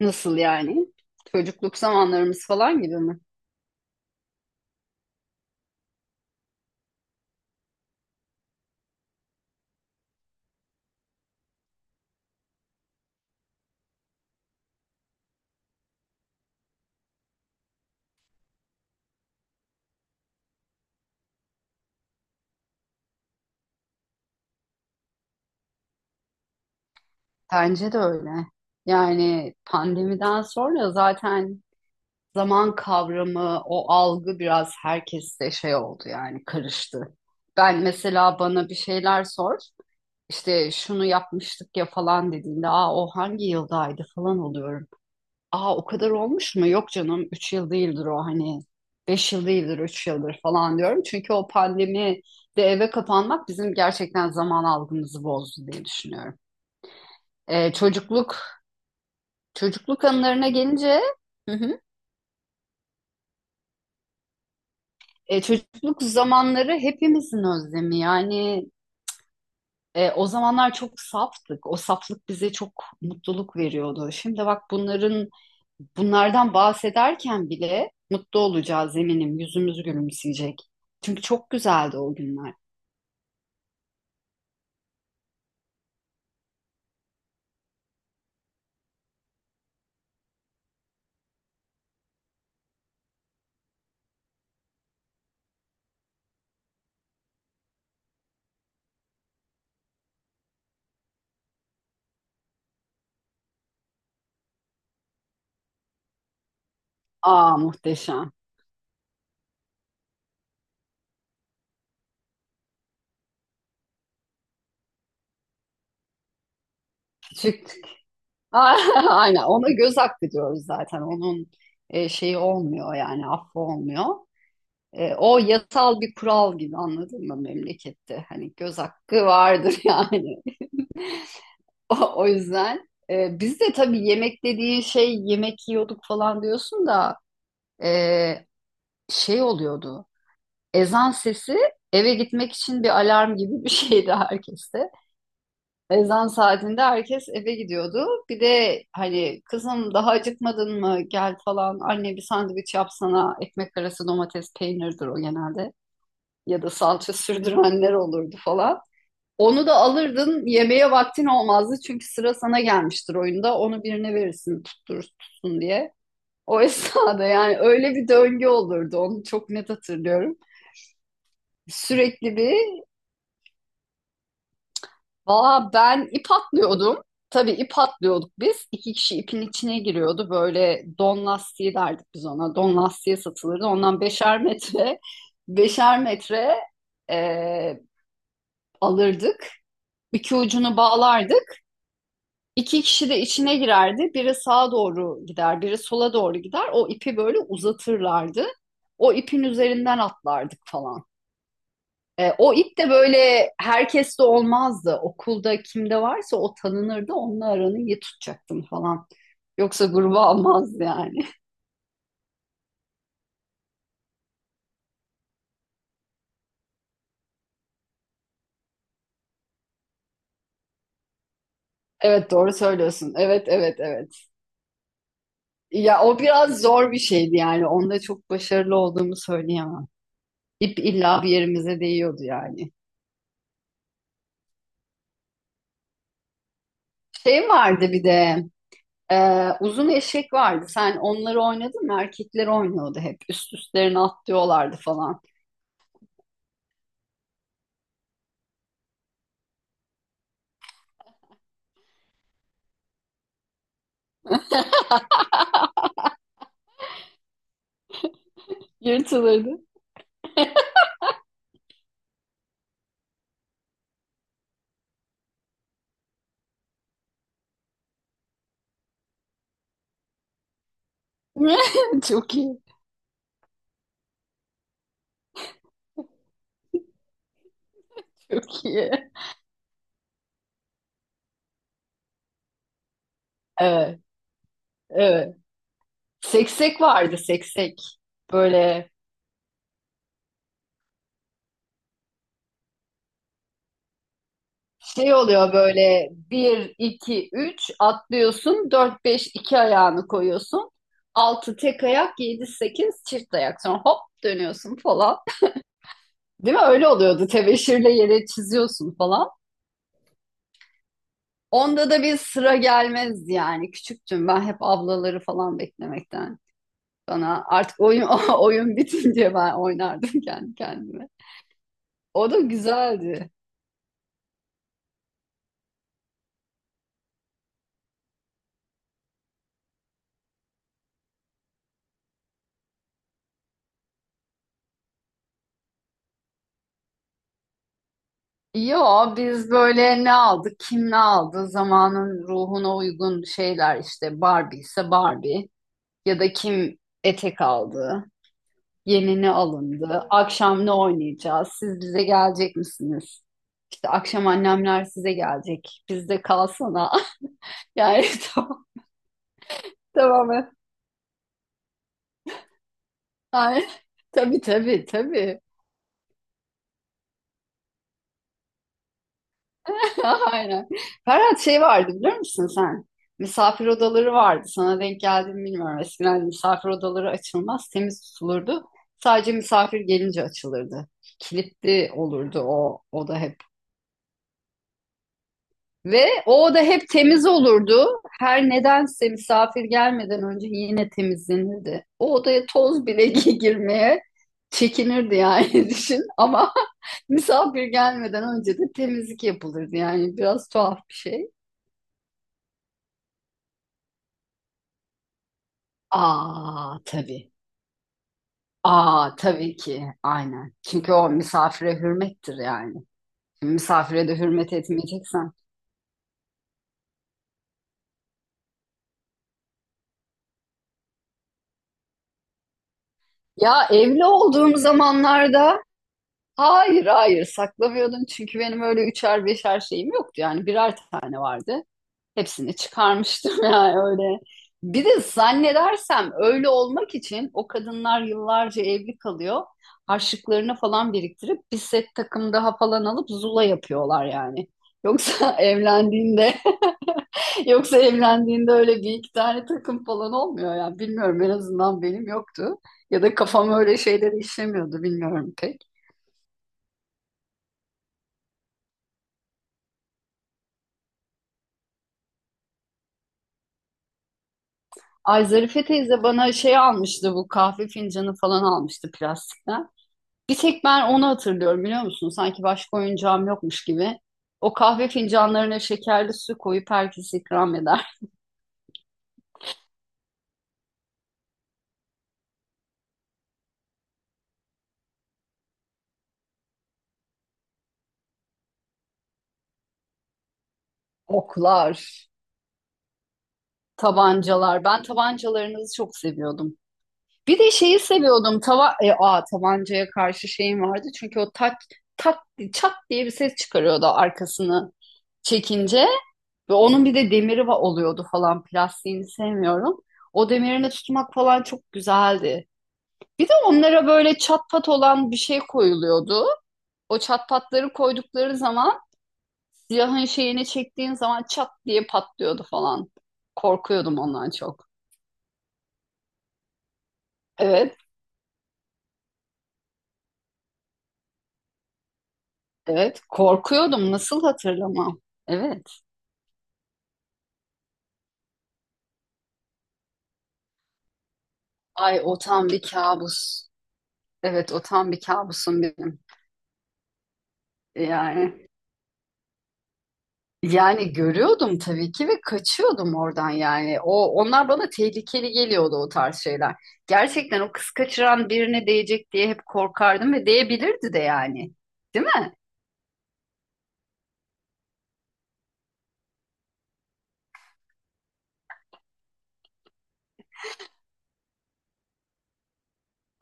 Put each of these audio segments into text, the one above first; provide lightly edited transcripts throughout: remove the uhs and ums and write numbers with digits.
Nasıl yani? Çocukluk zamanlarımız falan gibi mi? Bence de öyle. Yani pandemiden sonra zaten zaman kavramı, o algı biraz herkeste şey oldu yani karıştı. Ben mesela bana bir şeyler sor, işte şunu yapmıştık ya falan dediğinde, aa o hangi yıldaydı falan oluyorum. Aa o kadar olmuş mu? Yok canım 3 yıl değildir o hani 5 yıl değildir 3 yıldır falan diyorum. Çünkü o pandemi de eve kapanmak bizim gerçekten zaman algımızı bozdu diye düşünüyorum. Ee, çocukluk çocukluk anılarına gelince. Hı hı. Çocukluk zamanları hepimizin özlemi. Yani o zamanlar çok saftık. O saflık bize çok mutluluk veriyordu. Şimdi bak bunlardan bahsederken bile mutlu olacağız eminim. Yüzümüz gülümseyecek. Çünkü çok güzeldi o günler. Aa, muhteşem. Küçük. Aynen, ona göz hakkı diyoruz zaten. Onun şeyi olmuyor yani affı olmuyor. O yasal bir kural gibi, anladın mı, memlekette? Hani göz hakkı vardır yani. O yüzden biz de tabii yemek dediğin şey yemek yiyorduk falan diyorsun da e, şey oluyordu. Ezan sesi, eve gitmek için bir alarm gibi bir şeydi herkeste. Ezan saatinde herkes eve gidiyordu. Bir de hani, kızım daha acıkmadın mı, gel falan. Anne bir sandviç yapsana. Ekmek arası domates peynirdir o genelde, ya da salça sürdürenler olurdu falan. Onu da alırdın, yemeğe vaktin olmazdı çünkü sıra sana gelmiştir oyunda, onu birine verirsin tutturur tutsun diye. O esnada yani. Öyle bir döngü olurdu, onu çok net hatırlıyorum. Sürekli bir Valla ben ip atlıyordum. Tabii, ip atlıyorduk biz. İki kişi ipin içine giriyordu. Böyle don lastiği derdik biz ona. Don lastiği satılırdı. Ondan beşer metre, beşer metre e, alırdık. İki ucunu bağlardık. İki kişi de içine girerdi. Biri sağa doğru gider, biri sola doğru gider. O ipi böyle uzatırlardı. O ipin üzerinden atlardık falan. O ip de böyle herkeste olmazdı. Okulda kimde varsa o tanınırdı. Onunla aranı iyi tutacaktın falan. Yoksa gruba almaz yani. Evet, doğru söylüyorsun. Evet, evet, evet. Ya o biraz zor bir şeydi yani. Onda çok başarılı olduğumu söyleyemem. İp illa bir yerimize değiyordu yani. Şey vardı bir de, uzun eşek vardı. Sen onları oynadın mı? Erkekler oynuyordu hep. Üst üstlerine atlıyorlardı falan. Yırtılırdı. Çok iyi. Çok iyi. Evet, evet. Seksek vardı, seksek. Böyle şey oluyor, böyle bir, iki, üç atlıyorsun. Dört, beş, iki ayağını koyuyorsun. Altı tek ayak, yedi, sekiz çift ayak. Sonra hop, dönüyorsun falan. Değil mi? Öyle oluyordu. Tebeşirle yere çiziyorsun falan. Onda da bir sıra gelmez yani. Küçüktüm ben, hep ablaları falan beklemekten. Bana artık oyun oyun bitince ben oynardım kendi kendime. O da güzeldi. Yo, biz böyle ne aldık, kim ne aldı, zamanın ruhuna uygun şeyler işte. Barbie ise Barbie, ya da kim etek aldı, yeni ne alındı, akşam ne oynayacağız, siz bize gelecek misiniz? İşte akşam annemler size gelecek, bizde kalsana. Yani. Tamam, tamam yani, tabii, tabii, tabii. Aynen. Ferhat, şey vardı biliyor musun sen? Misafir odaları vardı. Sana denk geldi mi bilmiyorum. Eskiden misafir odaları açılmaz, temiz tutulurdu. Sadece misafir gelince açılırdı. Kilitli olurdu o oda hep. Ve o oda hep temiz olurdu. Her nedense misafir gelmeden önce yine temizlenirdi. O odaya toz bile girmeye çekinirdi yani, düşün. Ama misafir gelmeden önce de temizlik yapılırdı. Yani biraz tuhaf bir şey. Aa, tabii. Aa, tabii ki. Aynen. Çünkü o misafire hürmettir yani. Misafire de hürmet etmeyeceksen. Ya, evli olduğum zamanlarda hayır, hayır, saklamıyordum. Çünkü benim öyle üçer beşer şeyim yoktu. Yani birer tane vardı. Hepsini çıkarmıştım yani, öyle. Bir de zannedersem öyle olmak için o kadınlar yıllarca evli kalıyor. Harçlıklarını falan biriktirip bir set takım daha falan alıp zula yapıyorlar yani. Yoksa evlendiğinde yoksa evlendiğinde öyle bir iki tane takım falan olmuyor yani. Bilmiyorum, en azından benim yoktu. Ya da kafam öyle şeyleri işlemiyordu, bilmiyorum pek. Ay, Zarife teyze bana şey almıştı, bu kahve fincanı falan almıştı, plastikten. Bir tek ben onu hatırlıyorum biliyor musun? Sanki başka oyuncağım yokmuş gibi. O kahve fincanlarına şekerli su koyup herkes ikram eder. Oklar, tabancalar. Ben tabancalarınızı çok seviyordum. Bir de şeyi seviyordum. Tabancaya karşı şeyim vardı. Çünkü o tak, tak, çat diye bir ses çıkarıyordu arkasını çekince. Ve onun bir de demiri oluyordu falan. Plastiğini sevmiyorum. O demirine tutmak falan çok güzeldi. Bir de onlara böyle çat pat olan bir şey koyuluyordu. O çat patları koydukları zaman, silahın şeyini çektiğin zaman, çat diye patlıyordu falan. Korkuyordum ondan çok. Evet, evet. Korkuyordum. Nasıl hatırlamam? Evet. Ay, o tam bir kabus. Evet, o tam bir kabusum benim. Yani Yani görüyordum tabii ki, ve kaçıyordum oradan yani. Onlar bana tehlikeli geliyordu, o tarz şeyler. Gerçekten o kız kaçıran birine değecek diye hep korkardım, ve değebilirdi de yani. Değil mi?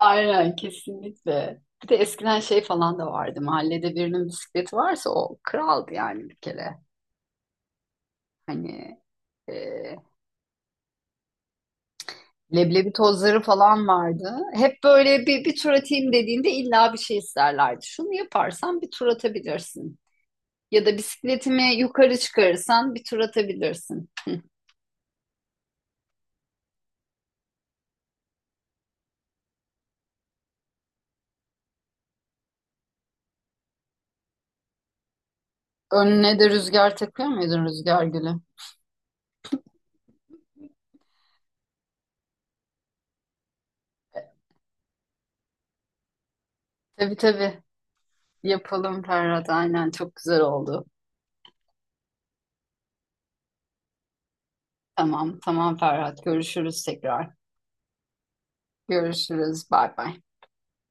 Aynen, kesinlikle. Bir de eskiden şey falan da vardı. Mahallede birinin bisikleti varsa o kraldı yani, bir kere. Hani e, leblebi tozları falan vardı. Hep böyle bir tur atayım dediğinde illa bir şey isterlerdi. Şunu yaparsan bir tur atabilirsin. Ya da bisikletimi yukarı çıkarırsan bir tur atabilirsin. Önüne de rüzgar takıyor muydun, rüzgar gülü? Tabii, tabii. Yapalım Ferhat. Aynen, çok güzel oldu. Tamam, tamam Ferhat. Görüşürüz tekrar. Görüşürüz. Bay bay.